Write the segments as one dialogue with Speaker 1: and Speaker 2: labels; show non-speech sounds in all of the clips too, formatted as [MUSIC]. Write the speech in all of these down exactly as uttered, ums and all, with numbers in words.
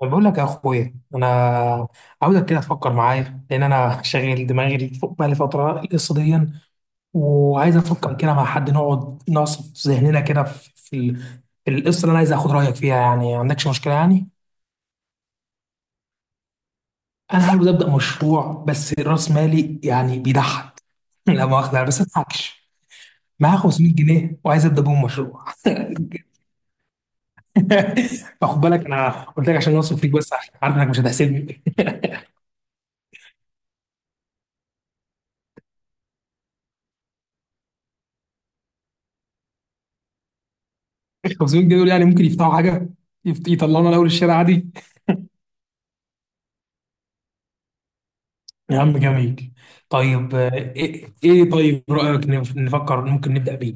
Speaker 1: طب بقول لك يا اخويا انا عاوزك كده تفكر معايا لان انا [LAUGHS] شاغل دماغي فوق بقالي فتره القصه دي، وعايز افكر كده مع حد نقعد نعصف ذهننا كده في في ال- في القصه اللي انا عايز اخد رايك فيها، يعني ما عندكش مشكله يعني. انا عاوز ابدا مشروع بس راس مالي يعني بيضحك [LAUGHS] لا مؤاخذه أنا بس ما اضحكش. معايا خمسمية جنيه وعايز ابدا بهم مشروع [LAUGHS] فخد بالك انا قلت لك عشان اوصل فيك، بس عشان عارف انك مش هتحسدني. خمسمية جنيه دول يعني ممكن يفتحوا حاجه، يفت- يطلعونا لاول الشارع عادي. يا عم جميل. طيب آه، ايه إيه، طيب رايك نف- نفكر ممكن نبدا بيه.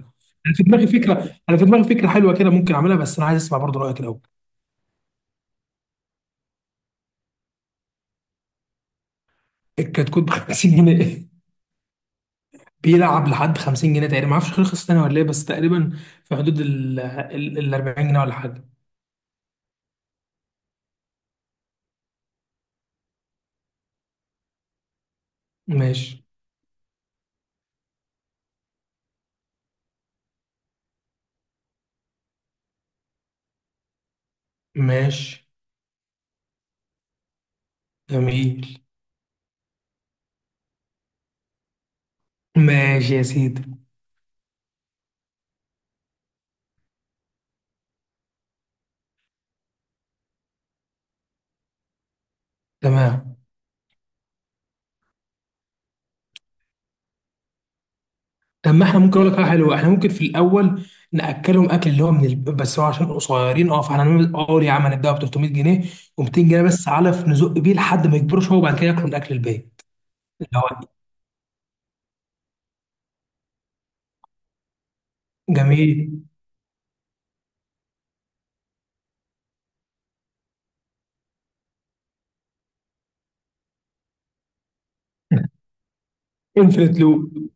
Speaker 1: انا في دماغي فكره، انا في دماغي فكره حلوه كده ممكن اعملها، بس انا عايز اسمع برضو رايك الاول. الكتكوت ب خمسين جنيه [LAUGHS] بيلعب لحد خمسين جنيه تقريبا. ما اعرفش رخص تاني ولا ايه، بس تقريبا في حدود ال ال- ال اربعين جنيه ولا حاجه. ماشي. ماشي. جميل. ماشي يا سيدي. تمام. طب ما احنا ممكن اقول لك حاجه حلوه، احنا ممكن في الاول ناكلهم اكل اللي هو من الب... بس هو عشان قصيرين اه، فاحنا هنعمل اه يا عم هنديها ب تلتمية جنيه، و200 جنيه بس علف نزق بيه لحد ما يكبرش هو، وبعد كده ياكلوا من اكل البيت اللي هو. جميل [LAUGHS] انفينيت لوب.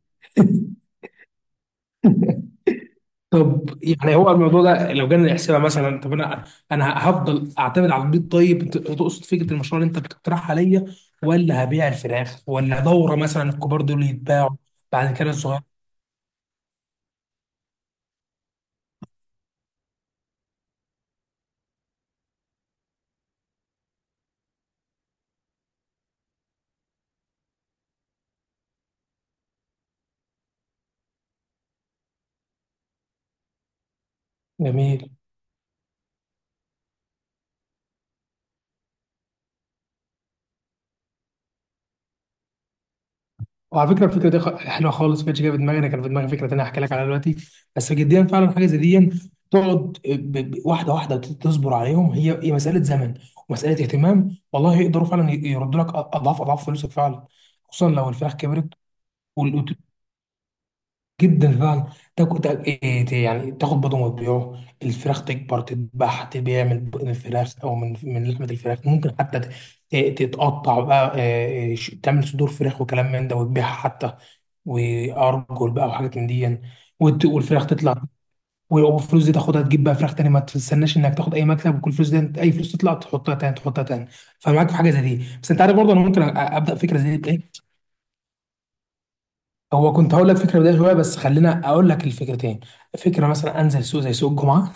Speaker 1: طب يعني هو الموضوع ده لو جينا نحسبها، مثلا طب انا انا هفضل اعتمد على البيض. طيب انت تقصد فكره المشروع اللي انت بتقترحها ليا، ولا هبيع الفراخ، ولا دوره مثلا الكبار دول يتباعوا بعد كده الصغير. جميل. وعلى فكره الفكره دي خ- حلوه خالص، ما كانتش جايه في دماغي. انا كان في دماغي فكره تانيه هحكي لك عليها دلوقتي، بس جديا فعلا حاجه زي دي تقعد ب- ب- واحده واحده ت- تصبر عليهم. هي هي مساله زمن ومساله اهتمام، والله يقدروا فعلا ي- يردوا لك أ- اضعاف اضعاف فلوسك فعلا، خصوصا لو الفراخ كبرت جدا فعلا. تاكل تاكل- إيه ت- يعني تاخد بيضه وتبيعه، الفراخ تكبر تتباع، تبيع من بطن الفراخ، او من من لحمه الفراخ ممكن حتى ت- ت- تتقطع بقى، آه، آه، ش- تعمل صدور فراخ وكلام من ده وتبيعها حتى، وارجل بقى وحاجات من دي يعني. وت- والفراخ تطلع، والفلوس دي تاخدها تجيب بقى فراخ تاني، ما تستناش انك تاخد اي مكسب، وكل فلوس دي أنت- اي فلوس تطلع تحطها تاني تحطها تاني. فمعاك في حاجه زي دي، بس انت عارف برضه انا ممكن أ- ابدا فكره زي دي. هو كنت هقول لك فكره بدايه شويه، بس خلينا اقول لك الفكرتين. فكره مثلا انزل سوق زي سوق الجمعه،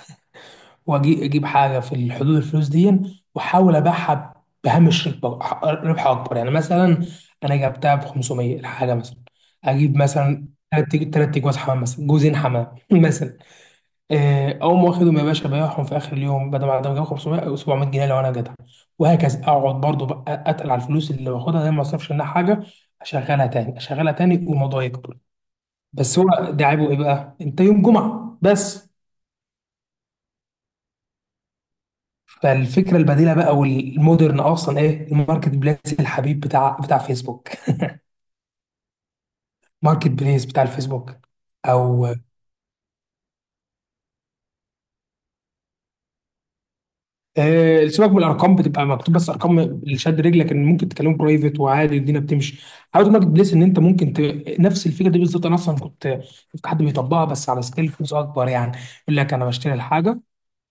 Speaker 1: واجي اجيب حاجه في حدود الفلوس دي، واحاول ابيعها بهامش ربح ربح اكبر. يعني مثلا انا جبتها ب خمس ميه الحاجه، مثلا اجيب مثلا ثلاث ثلاث جواز حمام، مثلا جوزين حمام [LAUGHS] مثلا. آه، اقوم واخدهم يا باشا بيعهم في اخر اليوم، بدل ما انا جايب خمسمية او سبعمية جنيه لو انا جدع. وهكذا اقعد برضو بقى اتقل على الفلوس اللي باخدها دي، ما اصرفش منها حاجه، اشغلها تاني اشغلها تاني والموضوع يكبر. بس هو ده عيبه ايه بقى، انت يوم جمعه بس. فالفكره البديله بقى والمودرن اصلا ايه، الماركت بليس الحبيب بتاع بتاع فيسبوك [LAUGHS] ماركت بليس بتاع الفيسبوك. او آه سيبك من الارقام بتبقى مكتوب بس، ارقام اللي شاد رجلك ان ممكن تكلمه برايفت، وعادي الدنيا بتمشي. حاول ماركت بليس ان انت ممكن ت... نفس الفكره دي بالظبط. انا اصلا كنت شفت حد بيطبقها بس على سكيل فلوس اكبر يعني، يقول لك انا بشتري الحاجه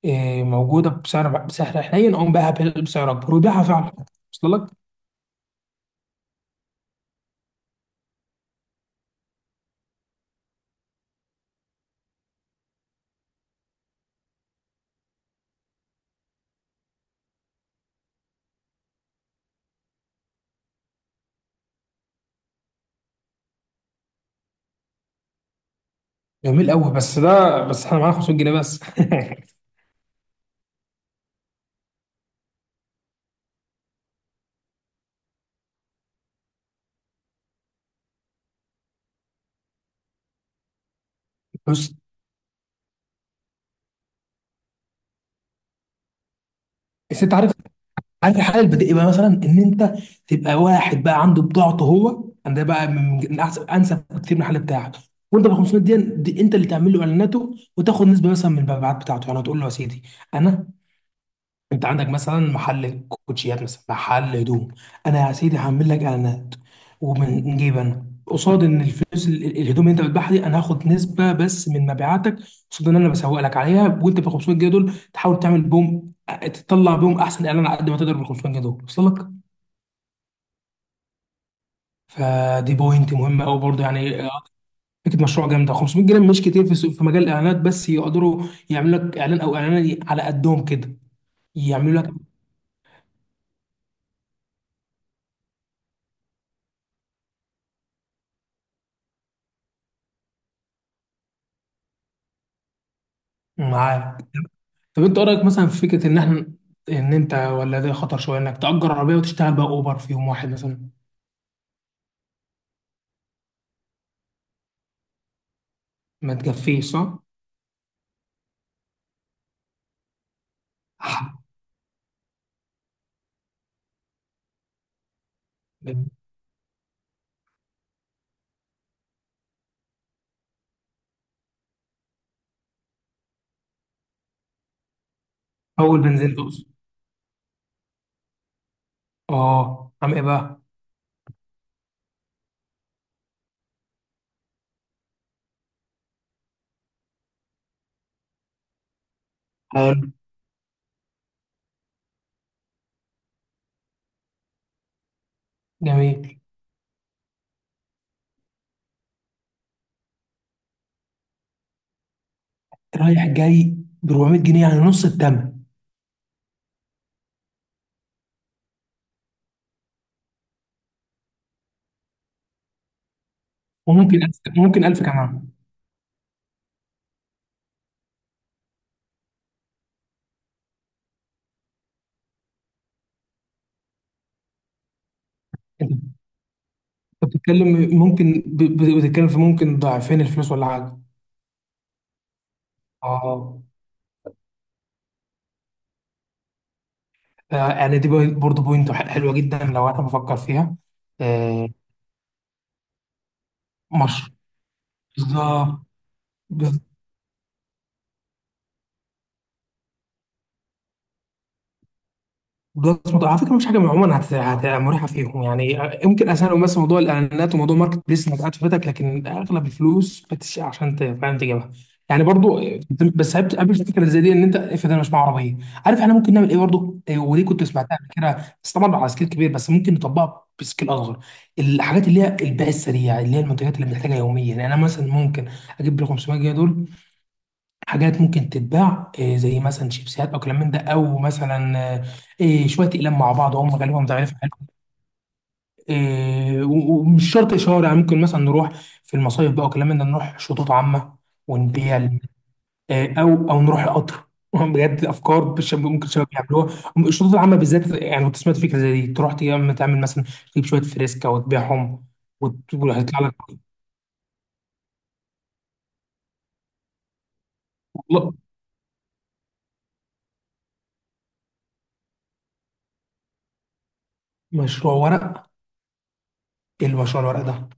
Speaker 1: آه موجوده بسعر بسعر حنين، اقوم بيعها بسعر اكبر ويبيعها فعلا. وصل لك؟ جميل قوي، بس ده بس احنا معانا خمسمية جنيه بس [LAUGHS] بص بس انت عارف، عارف الحل البديهي بقى مثلا ان انت تبقى واحد بقى عنده بضاعته هو، ده بقى من من احسن انسب كتير من الحل بتاعك. وانت ب خمسمية دي, دي انت اللي تعمل له اعلاناته وتاخد نسبه مثلا من المبيعات بتاعته. يعني تقول له يا سيدي انا، انت عندك مثلا محل كوتشيات مثلا محل هدوم، انا يا سيدي هعمل لك اعلانات، ومن جيب انا قصاد ان الفلوس ال- ال- الهدوم اللي انت بتبيعها دي انا هاخد نسبه بس من مبيعاتك، قصاد ان انا بسوق لك عليها. وانت ب خمسمية جنيه دول تحاول تعمل بهم تطلع بهم احسن اعلان على قد ما تقدر ب خمسمية جنيه دول. وصل لك؟ فدي بوينت مهمه قوي برضه يعني اه، فكره مشروع جامده. خمسمية جنيه مش كتير في سوق- في مجال الاعلانات، بس يقدروا يعملوا لك اعلان او اعلان على قدهم كده. يعملوا لك. معاه. طب انت ايه رايك مثلا في فكره ان احنا، ان انت، ولا ده خطر شويه، انك تأجر عربيه وتشتغل بقى اوبر في يوم واحد مثلا. ما تكفيش صح؟ [LAUGHS] اول بنزين تقصد. اه عم ايه بقى؟ حلو. جميل. رايح جاي ب اربعمية جنيه، يعني نص الثمن. وممكن ألف، ممكن ألف كمان. انت أنت بتتكلم ممكن ب- ب- بتتكلم في ممكن ضعفين الفلوس ولا حاجه. اه. آه، يعني دي بوي- برضه بوينت حلوه جدا لو انا بفكر فيها. آه، مشروع. بالظبط. بلس موضوع على فكره، مفيش حاجه عموما هت- هت- مريحه فيهم يعني، يمكن اسهل بس موضوع الاعلانات وموضوع ماركت بليس انك قاعد في بيتك، لكن اغلب الفلوس بتشيء عشان ت- فاهم تجيبها يعني برضو. بس قابل قابل الفكره زي دي، ان انت افرض انا مش معايا عربيه، عارف احنا ممكن نعمل ايه برضو. إيه، ودي كنت سمعتها قبل كده بس طبعا على سكيل كبير، بس ممكن نطبقها بسكيل اصغر. الحاجات اللي هي البيع السريع، اللي هي المنتجات اللي بنحتاجها يوميا. يعني انا مثلا ممكن اجيب ال خمسمية جنيه دول حاجات ممكن تتباع، إيه، زي مثلا شيبسيات او كلام من ده، او مثلا آه، إيه، شويه اقلام مع بعض، هم غالبا مزيفين حالهم. إيه، و- ومش شرط اشاره يعني، ممكن مثلا نروح في المصايف بقى وكلام من ده، نروح شطوط عامه ونبيع ال- إيه، او او نروح القطر [LAUGHS] بجد، افكار بش- ممكن الشباب يعملوها. الشطوط العامه بالذات، يعني كنت سمعت فكره زي دي، تروح تعمل تعمل مثلا، تجيب شويه فريسكا وتبيعهم. وت- وهيطلع لك والله. مشروع ورق. ايه المشروع الورق ده.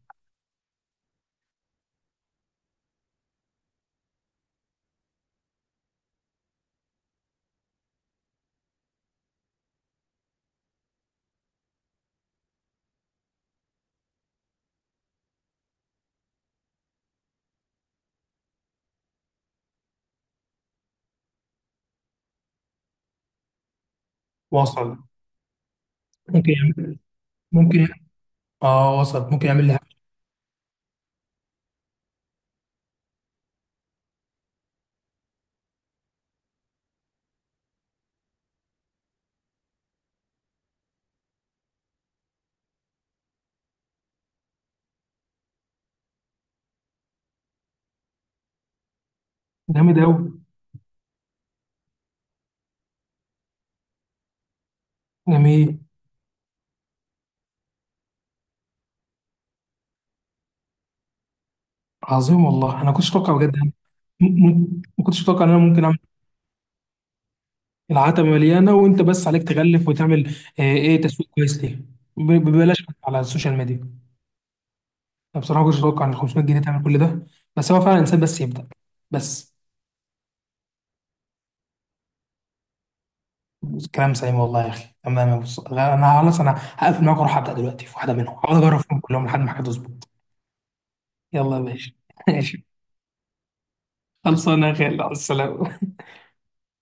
Speaker 1: وصل ممكن يعمل ممكن. اه وصل ممكن يعمل لي حاجة. جامد قوي. جميل. عظيم والله، انا كنتش اتوقع بجد يعني. م- م- ما كنتش اتوقع ان انا ممكن اعمل. العتبه مليانه، وانت بس عليك تغلف وتعمل آه، ايه تسويق كويس ليه، ب- ببلاش على السوشيال ميديا. انا بصراحه ما كنتش اتوقع ان خمسمية جنيه تعمل كل ده. بس هو فعلا انسان بس يبدا بس. كلام سليم والله يا اخي. تمام يا بص، انا خلاص، انا هقفل معاك واروح ابدا دلوقتي في واحده منهم، هقعد اجرب فيهم كلهم لحد ما حاجه تظبط. يلا يا باشا [LAUGHS] ماشي. خلصانه يا غالي، على السلامه.